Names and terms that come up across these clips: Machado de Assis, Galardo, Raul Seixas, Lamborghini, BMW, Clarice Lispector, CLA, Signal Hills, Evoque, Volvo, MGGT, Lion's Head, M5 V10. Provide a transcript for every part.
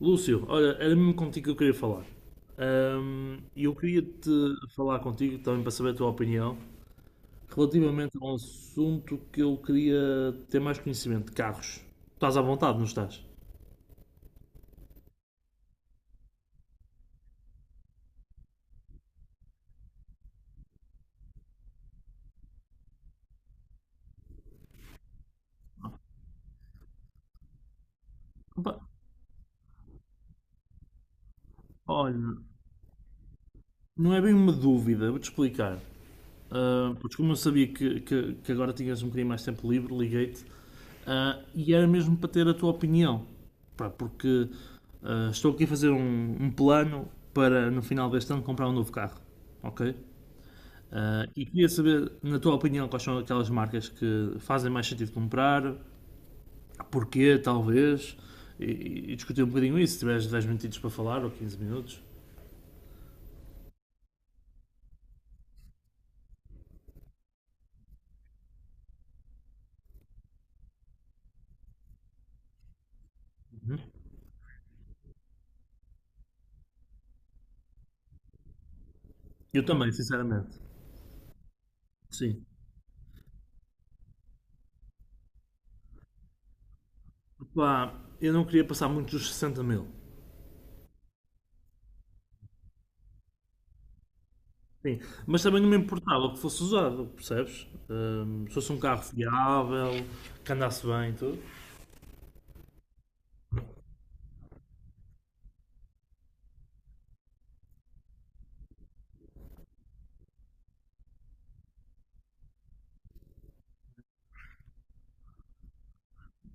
Lúcio, olha, era mesmo contigo que eu queria falar. E eu queria te falar contigo também para saber a tua opinião relativamente a um assunto que eu queria ter mais conhecimento de carros. Estás à vontade, não estás? Opa, olha, não é bem uma dúvida, vou-te explicar. Ah, pois como eu sabia que, que agora tinhas um bocadinho mais tempo livre, liguei-te. Ah, e era mesmo para ter a tua opinião. Pá, porque estou aqui a fazer um plano para no final deste ano comprar um novo carro. Ok? Ah, e queria saber, na tua opinião, quais são aquelas marcas que fazem mais sentido comprar, porquê, talvez, e, e discutir um bocadinho isso, se tiveres 10 minutinhos para falar ou 15 minutos. Eu também, sinceramente. Sim. Pá, eu não queria passar muito dos 60 mil. Sim, mas também não me importava que fosse usado, percebes? Se fosse um carro fiável, que andasse bem e tudo.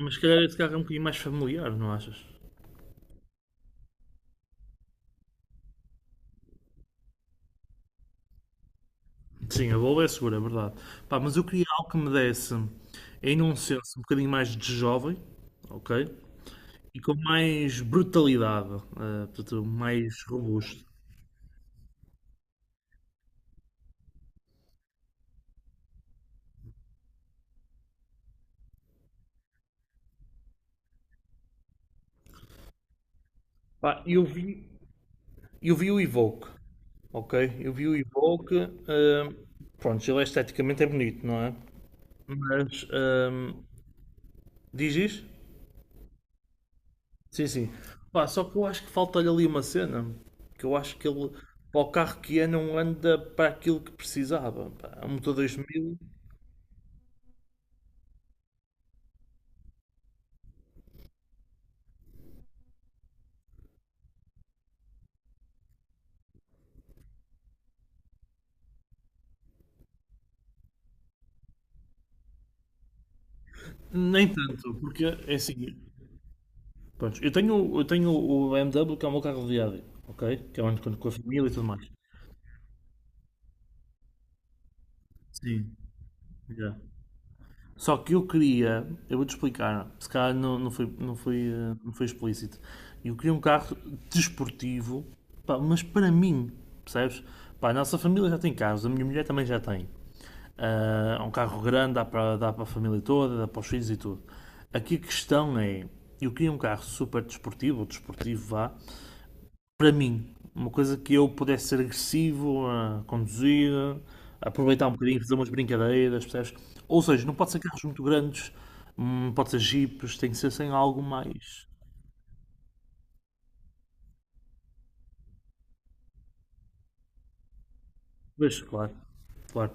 Mas se calhar esse carro é um bocadinho mais familiar, não achas? Sim, a Volvo é segura, é verdade. Pá, mas eu queria algo que me desse ainda um senso um bocadinho mais de jovem, ok? E com mais brutalidade, portanto, mais robusto. Pá, eu vi o Evoque, ok? Eu vi o Evoque, eh, pronto, ele esteticamente é bonito, não é? Mas, diz isso? Sim, sim. Pá, só que eu acho que falta-lhe ali uma cena. Que eu acho que ele, para o carro que é, não anda para aquilo que precisava. Pá, um motor 2000, nem tanto, porque é assim. Pronto, eu tenho o BMW, que é o meu carro de viagem, ok? Que é onde quando com a família e tudo mais. Sim. Já. Só que eu queria, eu vou-te explicar, se calhar não, não, foi, não, foi, não foi explícito. Eu queria um carro desportivo, pá, mas para mim, percebes? Pá, a nossa família já tem carros, a minha mulher também já tem. Ah, é um carro grande, dá para, dá para a família toda, dá para os filhos e tudo. Aqui a questão é, eu queria um carro super desportivo, ou desportivo vá, para mim, uma coisa que eu pudesse ser agressivo a conduzir, a aproveitar um bocadinho, fazer umas brincadeiras, percebes? Ou seja, não pode ser carros muito grandes, pode ser jipes, tem que ser sem algo mais. Pois, claro, claro,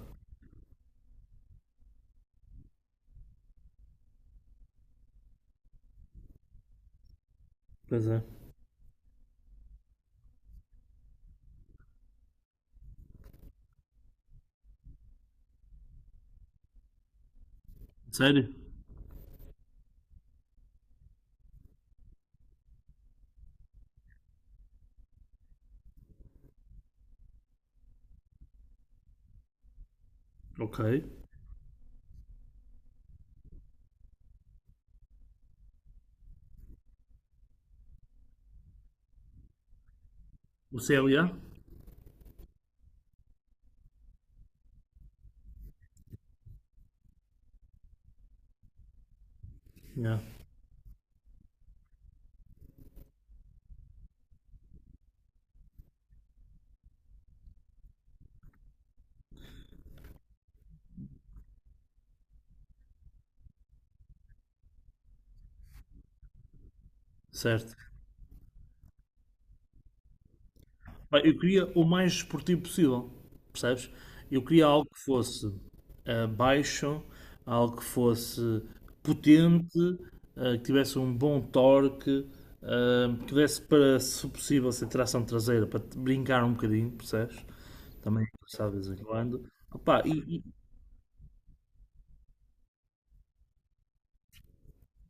pois é. Sério? Ok. O CLA? Yeah. Certo. Pá, eu queria o mais esportivo possível, percebes? Eu queria algo que fosse baixo, algo que fosse potente, que tivesse um bom torque, que desse para, se possível, ser tração traseira, para te brincar um bocadinho, percebes? Também, sabes, de vez em quando. Opá, e, e-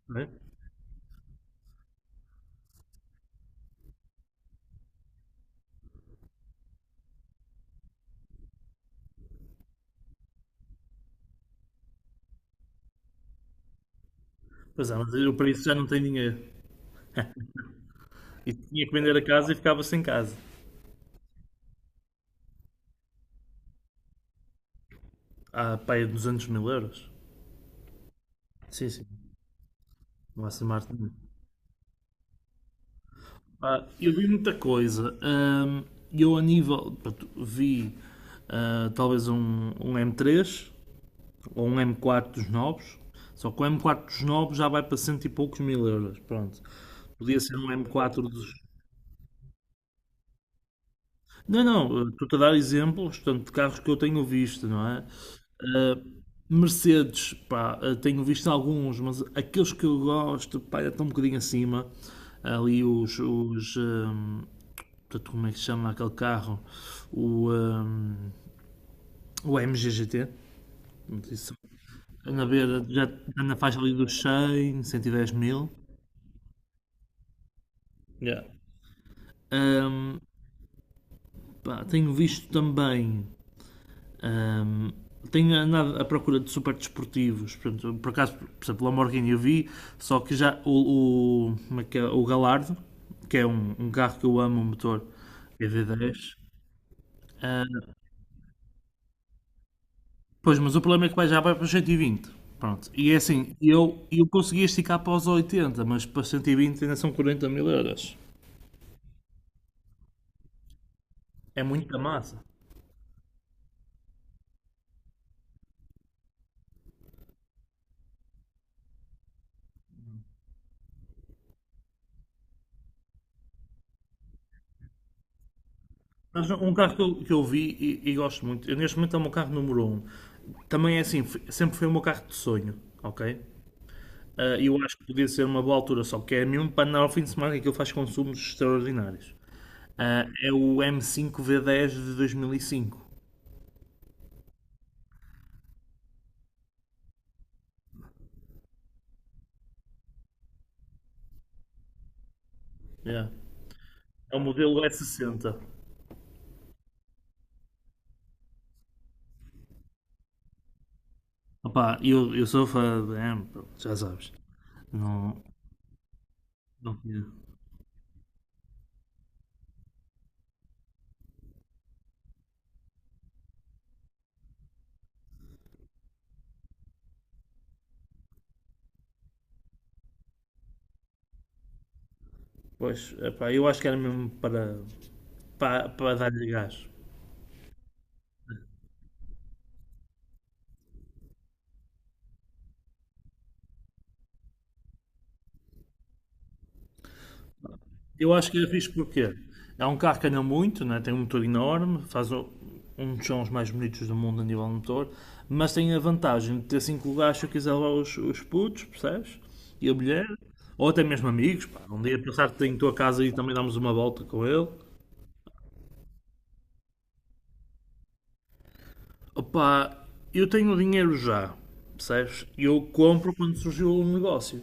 não é? Pois é, mas eu para isso já não tenho dinheiro. E tinha que vender a casa e ficava sem casa. Ah, pá, é 200 mil euros. Sim, sim, não há smart nenhum. Pá, eu vi muita coisa. Eu, a nível. Pronto, vi talvez um, m três ou um m quatro dos novos. Só que o m quatro dos novos já vai para cento e poucos mil euros. Pronto. Podia ser um m quatro dos. Não, não, estou-te a dar exemplos, portanto, de carros que eu tenho visto, não é? Ah, Mercedes, pá, tenho visto alguns, mas aqueles que eu gosto, pá, já estão um bocadinho acima. Ali os, portanto, como é que se chama aquele carro? O, um, o MGGT. Anda a ver, já na faixa ali dos 100, 110 mil. Yeah. Um, pá, tenho visto também. Um, tenho andado à procura de super desportivos. Portanto, por acaso, por exemplo, o Lamborghini eu vi, só que já como é que é? O Galardo, que é um carro que eu amo, um motor EV10, ah, pois, mas o problema é que vai já vai para os 120. Pronto. E é assim, eu consegui esticar para os 80, mas para os 120 ainda são 40 mil euros. É muita massa. Mas um carro que eu vi e, gosto muito, eu, neste momento é o meu carro número um. Também é assim, sempre foi o meu carro de sonho, ok? Ah, eu acho que podia ser uma boa altura, só que é mesmo para andar ao fim de semana que aquilo faz consumos extraordinários. Ah, é o M5 V10 de 2005. Yeah. É o modelo S60. Opá, eu sou fã de BM, pronto, já sabes. Não, não tinha. Pois, epá, eu acho que era mesmo para, para dar-lhe gás. Eu acho que era fixe porque é um carro que anda muito, né? Tem um motor enorme, faz um dos sons mais bonitos do mundo a nível de motor, mas tem a vantagem de ter cinco lugares se eu quiser levar os putos, percebes? E a mulher, ou até mesmo amigos, pá, um dia passar-te em tua casa e também damos uma volta com ele. Opa, eu tenho o dinheiro já, percebes? E eu compro quando surgiu o negócio.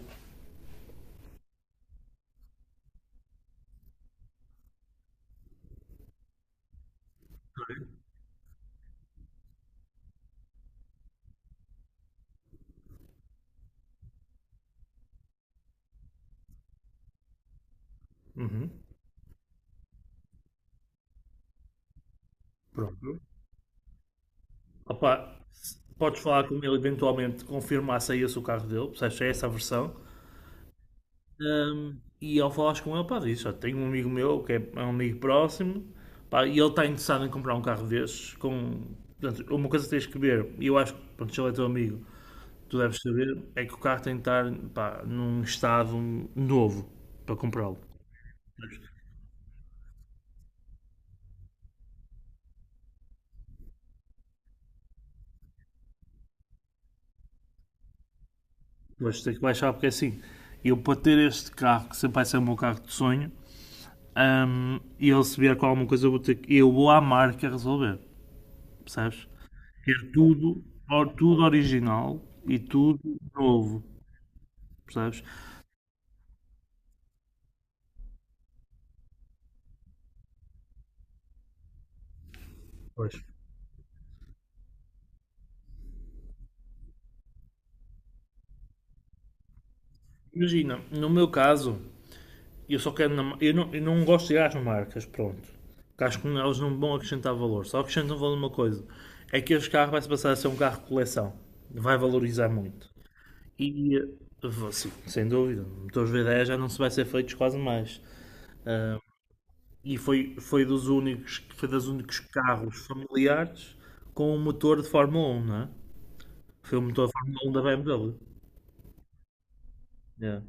Opa, podes falar com ele eventualmente, confirmar se é esse o carro dele, percebes? Se é essa a versão. E ao falares com ele, pá, diz, "Olha, tenho um amigo meu que é um amigo próximo, pá, e ele está interessado em comprar um carro destes, com... Portanto, uma coisa que tens que ver, e eu acho que, pronto, se ele é teu amigo, tu deves saber, é que o carro tem de estar, pá, num estado novo para comprá-lo. Hoje tenho que baixar porque é assim, eu para ter este carro, que sempre vai ser o meu carro de sonho, e ele se vier com alguma coisa, eu vou, eu vou à marca resolver, percebes? Quero tudo, tudo original e tudo novo, percebes? Pois. Imagina, no meu caso, eu só quero. Na eu não gosto de ir às marcas, pronto. Porque acho que elas não vão acrescentar valor. Só acrescentam valor uma coisa: é que este carro vai se passar a ser um carro de coleção. Vai valorizar muito. E sim, sem dúvida, motores V10 já não se vai ser feitos quase mais. E foi dos únicos carros familiares com um motor de Fórmula 1, não é? Foi o motor de Fórmula 1 da BMW. Yeah.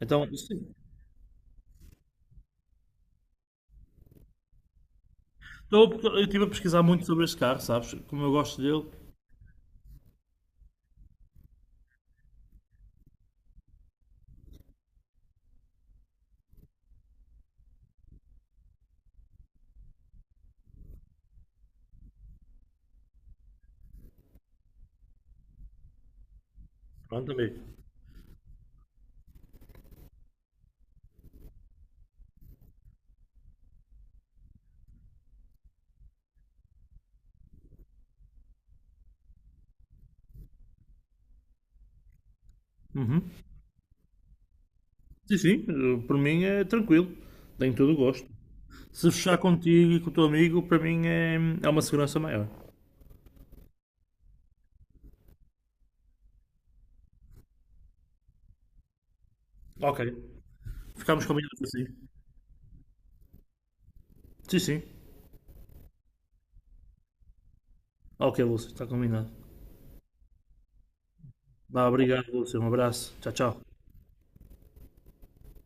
Então, sim. Então, porque eu estive a pesquisar muito sobre este carro, sabes? Como eu gosto dele. Pronto, amigo. Uhum. Sim, sim, por mim é tranquilo. Tenho todo o gosto. Se fechar contigo e com o teu amigo, para mim é uma segurança maior. Ok. Ficamos combinados assim. Sim, sim. Ok, Lúcio, está combinado. Vá, obrigado, Lúcio. Um abraço. Tchau, tchau.